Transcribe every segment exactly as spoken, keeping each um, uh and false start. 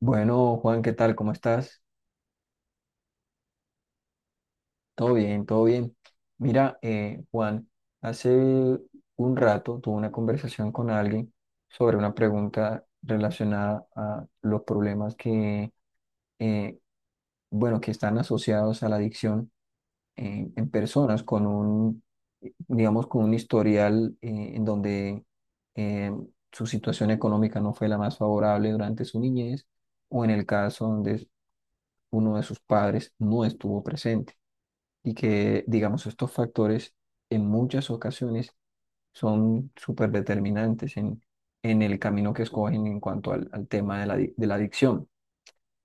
Bueno, Juan, ¿qué tal? ¿Cómo estás? Todo bien, todo bien. Mira, eh, Juan, hace un rato tuve una conversación con alguien sobre una pregunta relacionada a los problemas que, eh, bueno, que están asociados a la adicción eh, en personas con un, digamos, con un historial eh, en donde eh, su situación económica no fue la más favorable durante su niñez o en el caso donde uno de sus padres no estuvo presente. Y que, digamos, estos factores en muchas ocasiones son súper determinantes en, en el camino que escogen en cuanto al, al tema de la, adic- de la adicción.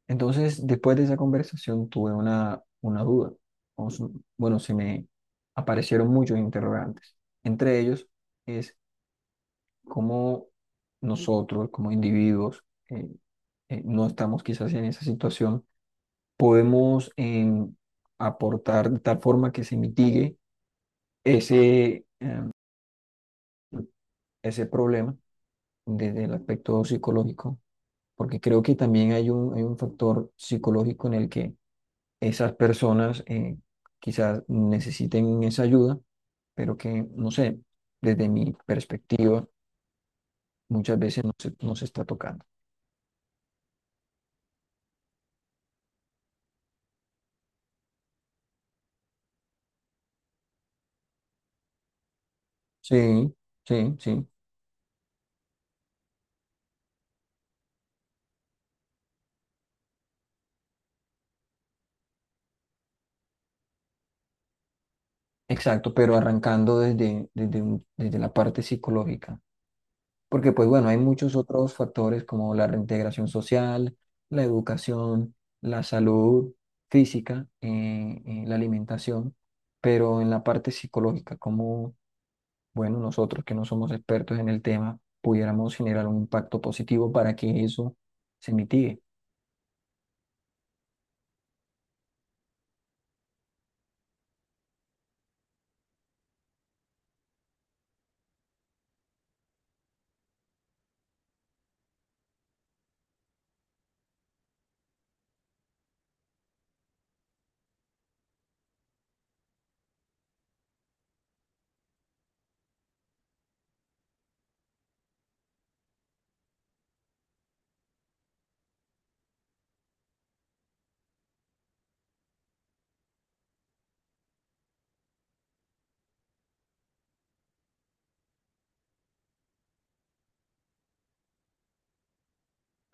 Entonces, después de esa conversación tuve una, una duda. O su- Bueno, se me aparecieron muchos interrogantes. Entre ellos es cómo nosotros, como individuos, eh, eh, no estamos quizás en esa situación, podemos em, aportar de tal forma que se mitigue ese, ese problema desde el aspecto psicológico, porque creo que también hay un, hay un factor psicológico en el que esas personas eh, quizás necesiten esa ayuda, pero que, no sé, desde mi perspectiva, muchas veces no se, no se está tocando. Sí, sí, sí, exacto, pero arrancando desde, desde, un- desde la parte psicológica. Porque pues bueno, hay muchos otros factores como la reintegración social, la educación, la salud física, eh, eh, la alimentación, pero en la parte psicológica, como bueno, nosotros que no somos expertos en el tema, pudiéramos generar un impacto positivo para que eso se mitigue.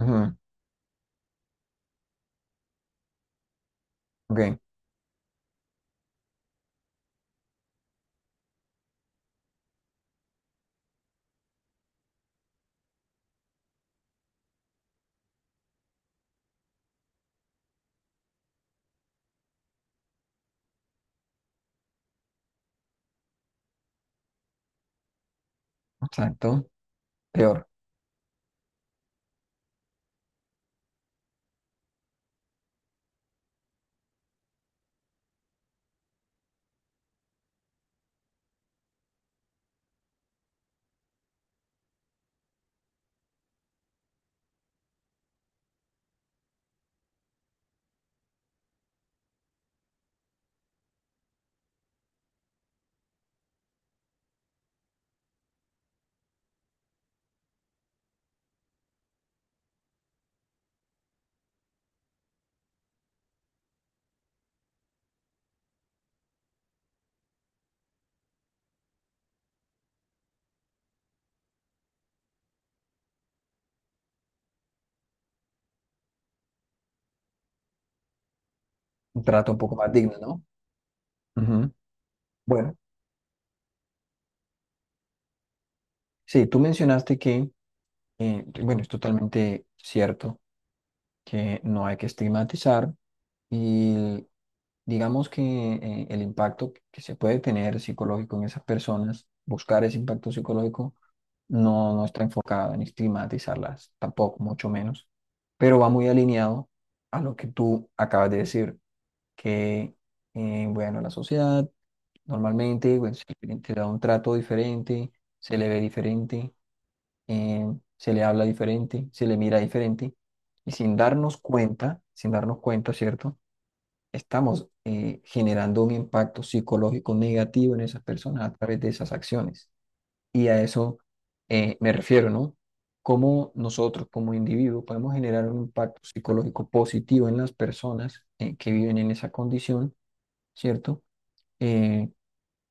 Ujú. Ok, exacto. Peor. Un trato un poco más digno, ¿no? Ujú. Bueno, sí, tú mencionaste que, eh, bueno, es totalmente cierto que no hay que estigmatizar y digamos que eh, el impacto que se puede tener psicológico en esas personas, buscar ese impacto psicológico, no, no está enfocado en estigmatizarlas, tampoco, mucho menos, pero va muy alineado a lo que tú acabas de decir, que, eh, bueno, la sociedad normalmente, bueno, se le se le da un trato diferente, se le ve diferente, eh, se le habla diferente, se le mira diferente, y sin darnos cuenta, sin darnos cuenta, ¿cierto? Estamos eh, generando un impacto psicológico negativo en esas personas a través de esas acciones. Y a eso eh, me refiero, ¿no? Cómo nosotros como individuo podemos generar un impacto psicológico positivo en las personas eh, que viven en esa condición, ¿cierto? eh,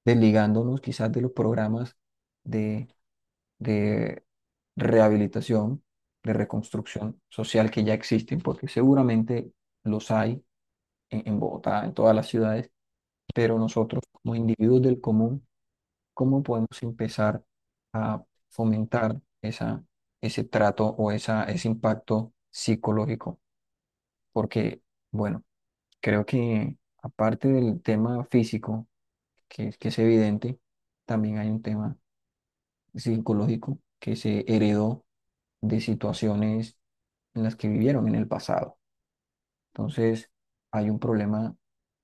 Desligándonos quizás de los programas de, de rehabilitación, de reconstrucción social que ya existen, porque seguramente los hay en, en Bogotá, en todas las ciudades, pero nosotros como individuos del común, ¿cómo podemos empezar a fomentar esa, ese trato o esa, ese impacto psicológico? Porque, bueno, creo que aparte del tema físico, que, que es evidente, también hay un tema psicológico que se heredó de situaciones en las que vivieron en el pasado. Entonces, hay un problema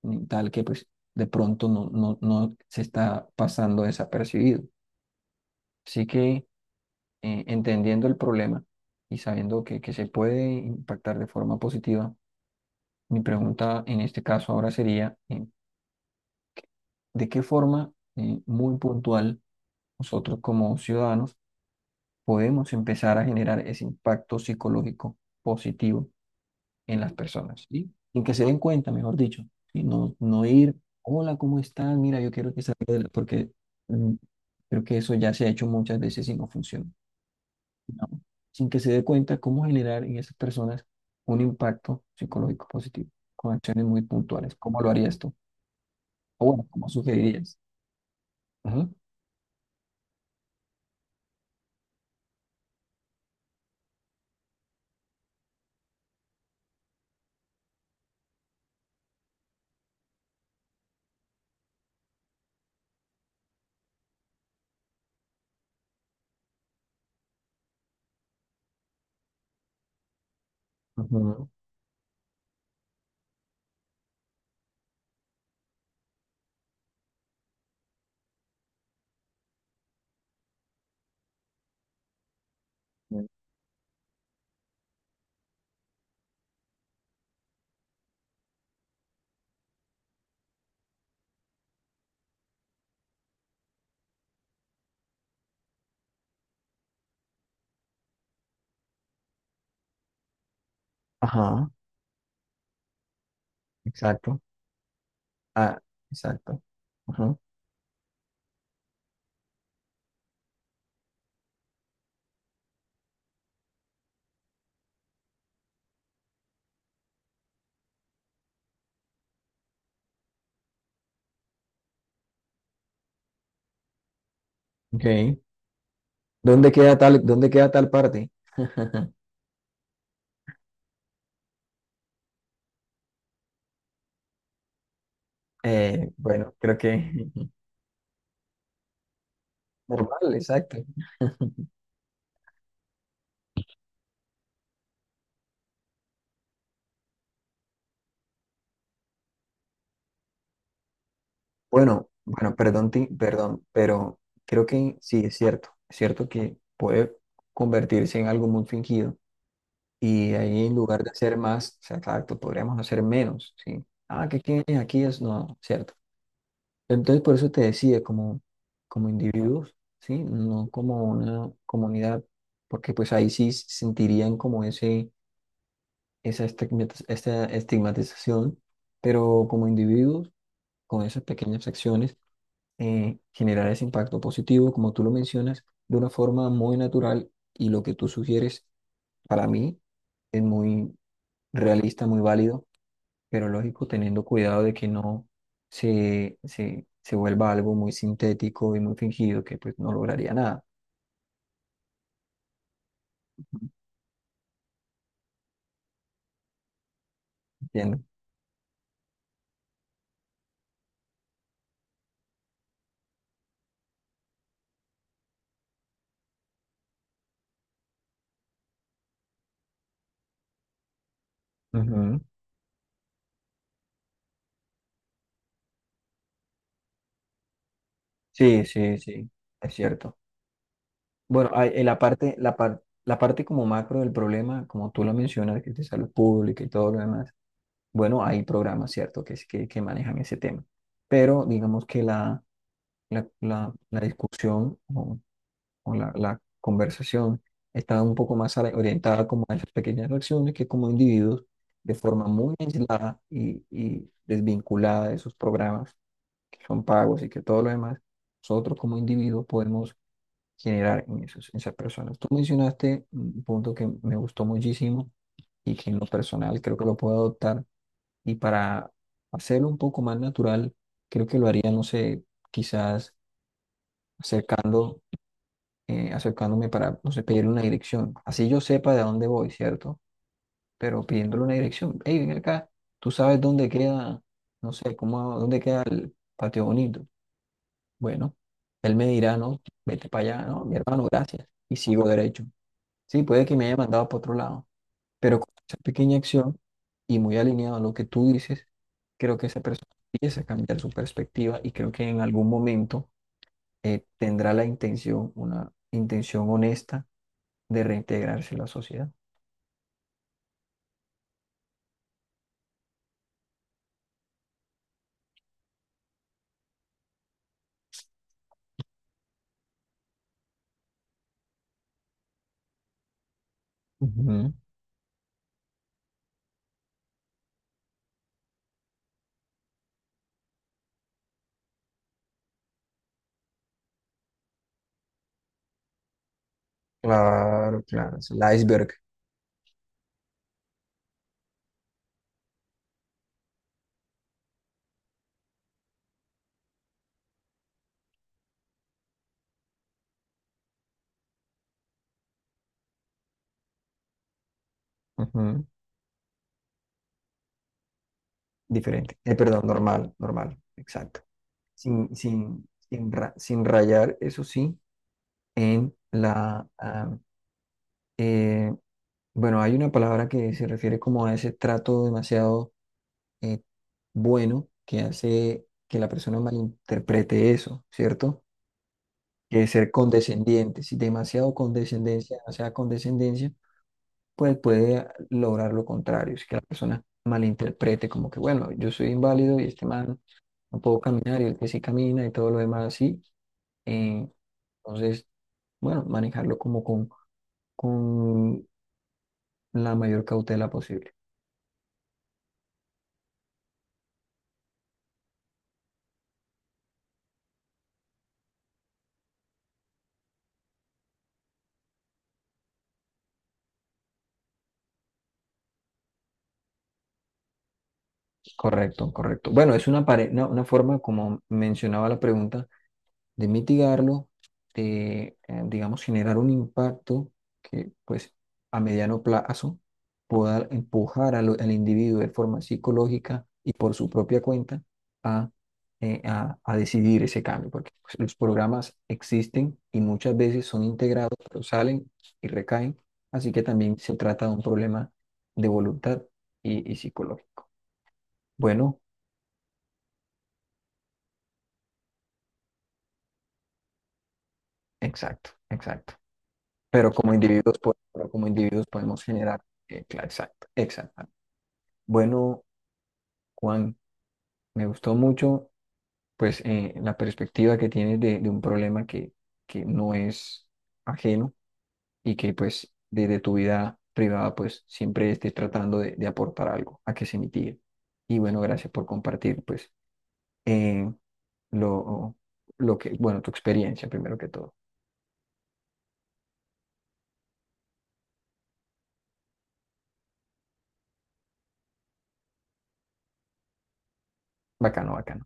mental que pues de pronto no, no, no se está pasando desapercibido. Así que eh, entendiendo el problema y sabiendo que, que se puede impactar de forma positiva, mi pregunta en este caso ahora sería, eh, ¿de qué forma eh, muy puntual nosotros como ciudadanos podemos empezar a generar ese impacto psicológico positivo en las personas, ¿sí? Sin que se den cuenta, mejor dicho, y no, no ir, hola, ¿cómo están? Mira, yo quiero que salga de la-", porque mm, creo que eso ya se ha hecho muchas veces y no funciona, ¿no? Sin que se dé cuenta cómo generar en esas personas un impacto psicológico positivo, con acciones muy puntuales. ¿Cómo lo harías tú? O bueno, ¿cómo sugerirías? Ujú, ujú. Ajá, exacto. Ah, exacto. Ajá, ok. ¿Dónde queda tal, dónde queda tal parte? Eh, bueno, creo que normal, exacto. Bueno, bueno, perdón, ti- perdón, pero creo que sí, es cierto. Es cierto que puede convertirse en algo muy fingido. Y ahí en lugar de hacer más, o sea, exacto, podríamos hacer menos, ¿sí? Ah, que aquí, aquí es no, ¿cierto? Entonces, por eso te decía, como, como individuos, ¿sí? No como una comunidad, porque pues ahí sí sentirían como ese, esa estigmatiz- esta estigmatización, pero como individuos, con esas pequeñas acciones, eh, generar ese impacto positivo, como tú lo mencionas, de una forma muy natural y lo que tú sugieres para mí es muy realista, muy válido pero lógico, teniendo cuidado de que no se, se, se vuelva algo muy sintético y muy fingido, que pues no lograría nada. ¿No? ¿Entiendes? Ujú. Sí, sí, sí, es cierto. Bueno, hay- en la parte, la par- la parte como macro del problema, como tú lo mencionas, que es de salud pública y todo lo demás, bueno, hay programas, ¿cierto?, que, es- que, que manejan ese tema. Pero digamos que la, la, la, la discusión, o o la, la conversación estaba un poco más ale- orientada como a esas pequeñas acciones que como individuos, de forma muy aislada y, y desvinculada de esos programas, que son pagos y que todo lo demás, nosotros como individuos podemos generar en esos, en esas personas. Tú mencionaste un punto que me gustó muchísimo y que en lo personal creo que lo puedo adoptar y para hacerlo un poco más natural, creo que lo haría, no sé, quizás acercando eh, acercándome para, no sé, pedirle una dirección. Así yo sepa de dónde voy, ¿cierto? Pero pidiéndole una dirección. Hey, ven acá, tú sabes dónde queda, no sé, cómo, dónde queda el patio bonito. Bueno, él me dirá, no, vete para allá, no, mi hermano, gracias. Y sigo derecho. Sí, puede que me haya mandado para otro lado, pero con esa pequeña acción y muy alineado a lo que tú dices, creo que esa persona empieza a cambiar su perspectiva y creo que en algún momento eh, tendrá la intención, una intención honesta de reintegrarse a la sociedad. Ujú. Claro, claro, es el iceberg. Ujú. Diferente. Eh, perdón, normal, normal, exacto. Sin, sin, sin, ra- sin rayar, eso sí, en la... ah, eh, bueno, hay una palabra que se refiere como a ese trato demasiado, eh, bueno, que hace que la persona malinterprete eso, ¿cierto? Que es ser condescendiente. Si demasiado condescendencia, demasiada condescendencia pues puede lograr lo contrario, es que la persona malinterprete como que, bueno, yo soy inválido y este man no puedo caminar y el que sí camina y todo lo demás así. Eh, entonces, bueno, manejarlo como con, con la mayor cautela posible. Correcto, correcto. Bueno, es una, pare- una, una forma, como mencionaba la pregunta, de mitigarlo, de, eh, digamos, generar un impacto que, pues, a mediano plazo pueda empujar al, al individuo de forma psicológica y por su propia cuenta a, eh, a, a decidir ese cambio, porque pues, los programas existen y muchas veces son integrados, pero salen y recaen, así que también se trata de un problema de voluntad y, y psicológico. Bueno, exacto, exacto. Pero como individuos, po- pero como individuos podemos generar. eh, cla- exacto, exacto. Bueno, Juan, me gustó mucho pues eh, la perspectiva que tienes de, de un problema que, que no es ajeno y que pues desde tu vida privada pues siempre estés tratando de, de aportar algo a que se mitigue. Y bueno, gracias por compartir pues eh, lo, lo que, bueno, tu experiencia primero que todo. Bacano, bacano.